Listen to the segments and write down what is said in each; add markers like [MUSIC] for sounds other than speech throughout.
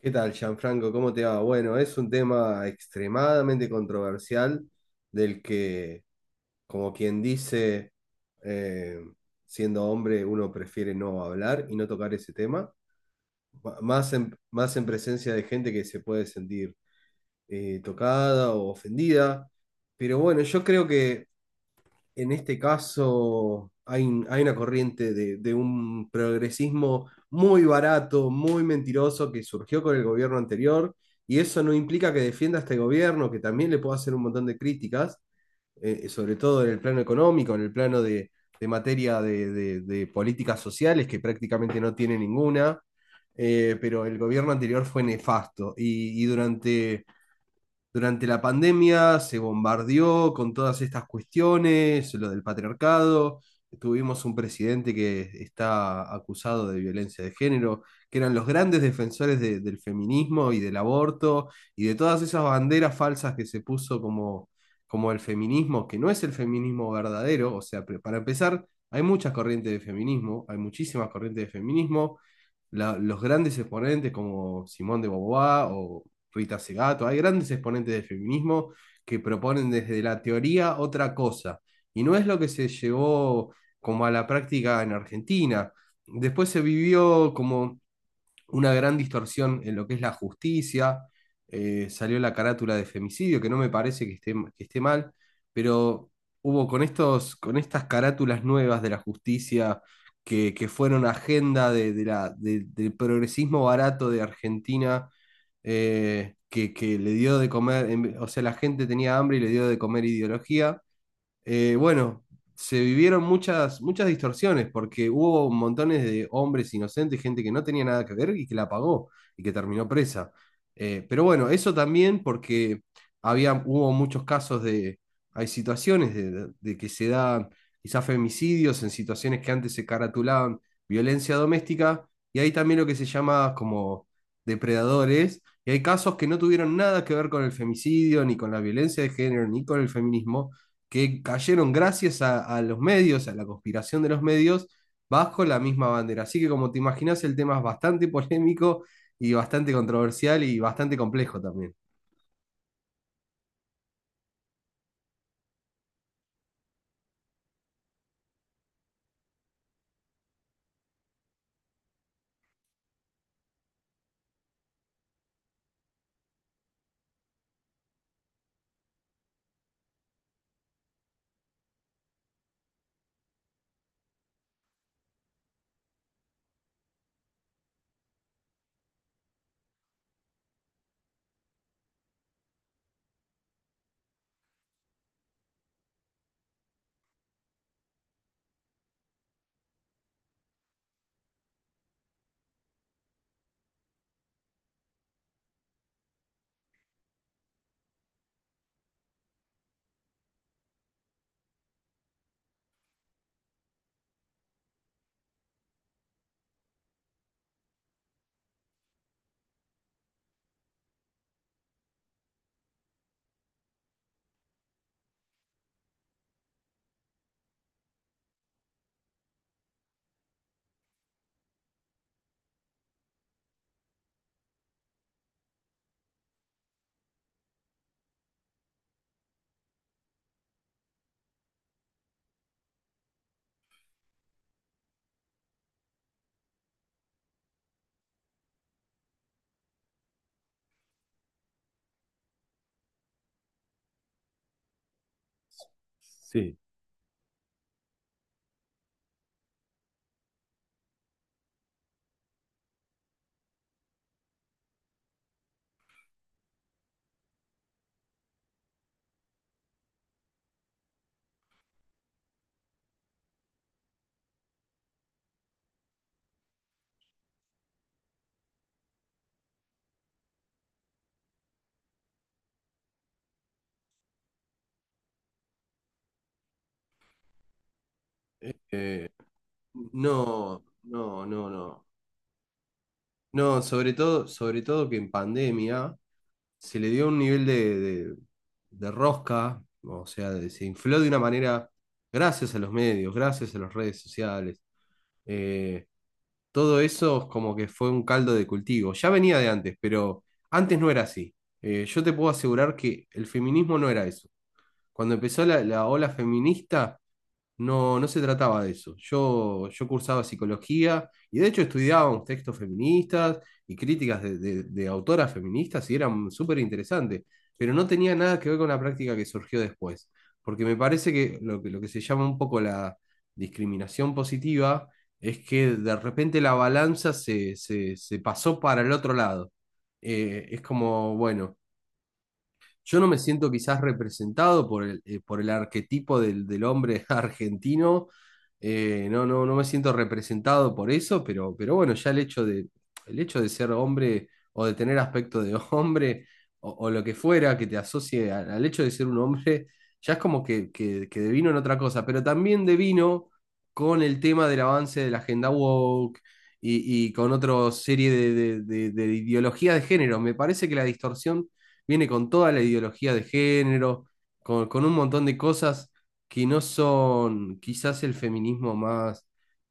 ¿Qué tal, Gianfranco? ¿Cómo te va? Bueno, es un tema extremadamente controversial del que, como quien dice, eh, siendo hombre, uno prefiere no hablar y no tocar ese tema, más en presencia de gente que se puede sentir tocada o ofendida. Pero bueno, yo creo que en este caso hay una corriente de un progresismo muy barato, muy mentiroso que surgió con el gobierno anterior, y eso no implica que defienda a este gobierno, que también le puedo hacer un montón de críticas, sobre todo en el plano económico, en el plano de materia de, de políticas sociales, que prácticamente no tiene ninguna. Eh, pero el gobierno anterior fue nefasto y durante... Durante la pandemia se bombardeó con todas estas cuestiones, lo del patriarcado. Tuvimos un presidente que está acusado de violencia de género, que eran los grandes defensores del feminismo y del aborto y de todas esas banderas falsas que se puso como, como el feminismo, que no es el feminismo verdadero. O sea, para empezar, hay muchas corrientes de feminismo, hay muchísimas corrientes de feminismo, los grandes exponentes como Simón de Beauvoir o Rita Segato, hay grandes exponentes del feminismo que proponen desde la teoría otra cosa, y no es lo que se llevó como a la práctica en Argentina. Después se vivió como una gran distorsión en lo que es la justicia. Eh, salió la carátula de femicidio, que no me parece que esté mal, pero hubo con, estos, con estas carátulas nuevas de la justicia que fueron agenda de la, del progresismo barato de Argentina, que le dio de comer. O sea, la gente tenía hambre y le dio de comer ideología. Eh, bueno, se vivieron muchas, muchas distorsiones porque hubo montones de hombres inocentes, gente que no tenía nada que ver y que la pagó y que terminó presa. Pero bueno, eso también porque había, hubo muchos casos de, hay situaciones de que se dan quizás femicidios en situaciones que antes se caratulaban violencia doméstica, y hay también lo que se llama como depredadores. Y hay casos que no tuvieron nada que ver con el femicidio, ni con la violencia de género, ni con el feminismo, que cayeron gracias a los medios, a la conspiración de los medios, bajo la misma bandera. Así que como te imaginas, el tema es bastante [LAUGHS] polémico y bastante controversial y bastante complejo también. Sí. Eh, No, no, no, no. No, sobre todo que en pandemia se le dio un nivel de, de rosca, o sea, de- se infló de una manera gracias a los medios, gracias a las redes sociales. Eh, Todo eso como que fue un caldo de cultivo. Ya venía de antes, pero antes no era así. Yo te puedo asegurar que el feminismo no era eso. Cuando empezó la, la ola feminista, no, no se trataba de eso. Yo cursaba psicología y de hecho estudiábamos textos feministas y críticas de, de autoras feministas y eran súper interesantes, pero no tenía nada que ver con la práctica que surgió después, porque me parece que lo, que lo que se llama un poco la discriminación positiva es que de repente la balanza se, se pasó para el otro lado. Es como, bueno. Yo no me siento quizás representado por el arquetipo del, del hombre [LAUGHS] argentino, no, no, no me siento representado por eso, pero bueno, ya el hecho de ser hombre o de tener aspecto de [LAUGHS] hombre o lo que fuera que te asocie al, al hecho de ser un hombre, ya es como que devino en otra cosa, pero también devino con el tema del avance de la agenda woke y con otra serie de, de ideologías de género. Me parece que la distorsión viene con toda la ideología de género, con un montón de cosas que no son quizás el feminismo más,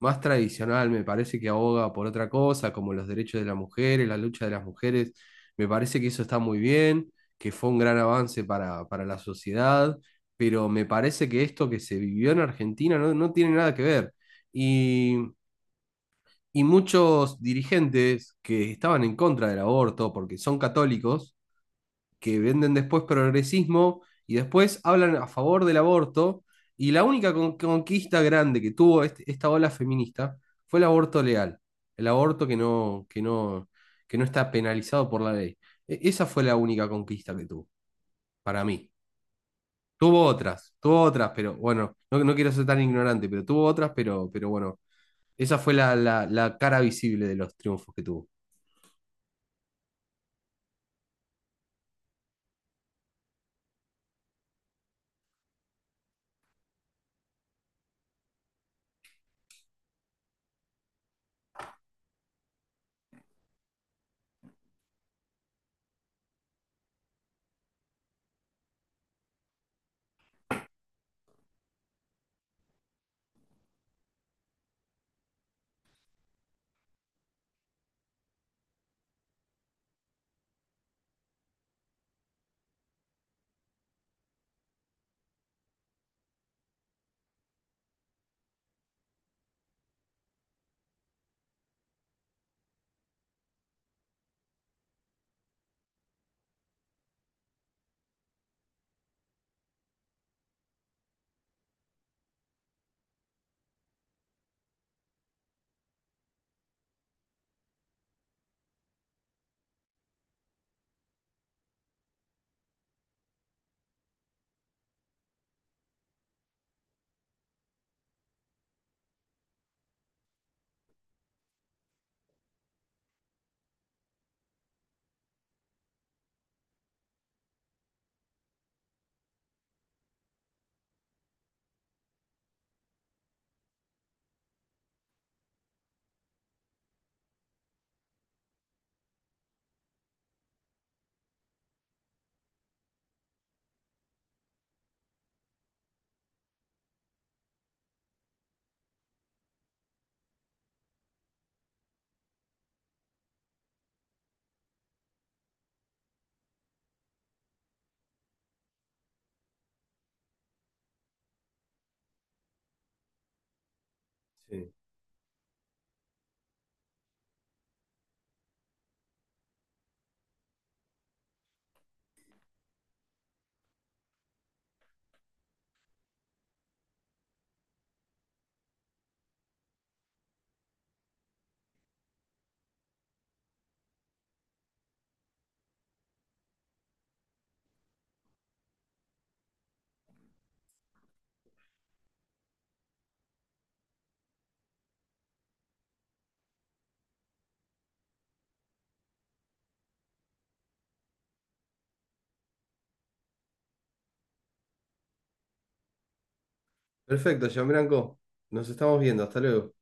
más tradicional, me parece que aboga por otra cosa, como los derechos de las mujeres, la lucha de las mujeres, me parece que eso está muy bien, que fue un gran avance para la sociedad, pero me parece que esto que se vivió en Argentina no, no tiene nada que ver. Y, y muchos dirigentes que estaban en contra del aborto, porque son católicos, que venden después progresismo y después hablan a favor del aborto. Y la única conquista grande que tuvo esta ola feminista fue el aborto legal, el aborto que no, que no, que no está penalizado por la ley. Esa fue la única conquista que tuvo, para mí. Tuvo otras, pero bueno, no, no quiero ser tan ignorante, pero tuvo otras, pero bueno, esa fue la, la cara visible de los triunfos que tuvo. Sí. Perfecto, Jean Branco. Nos estamos viendo, hasta luego.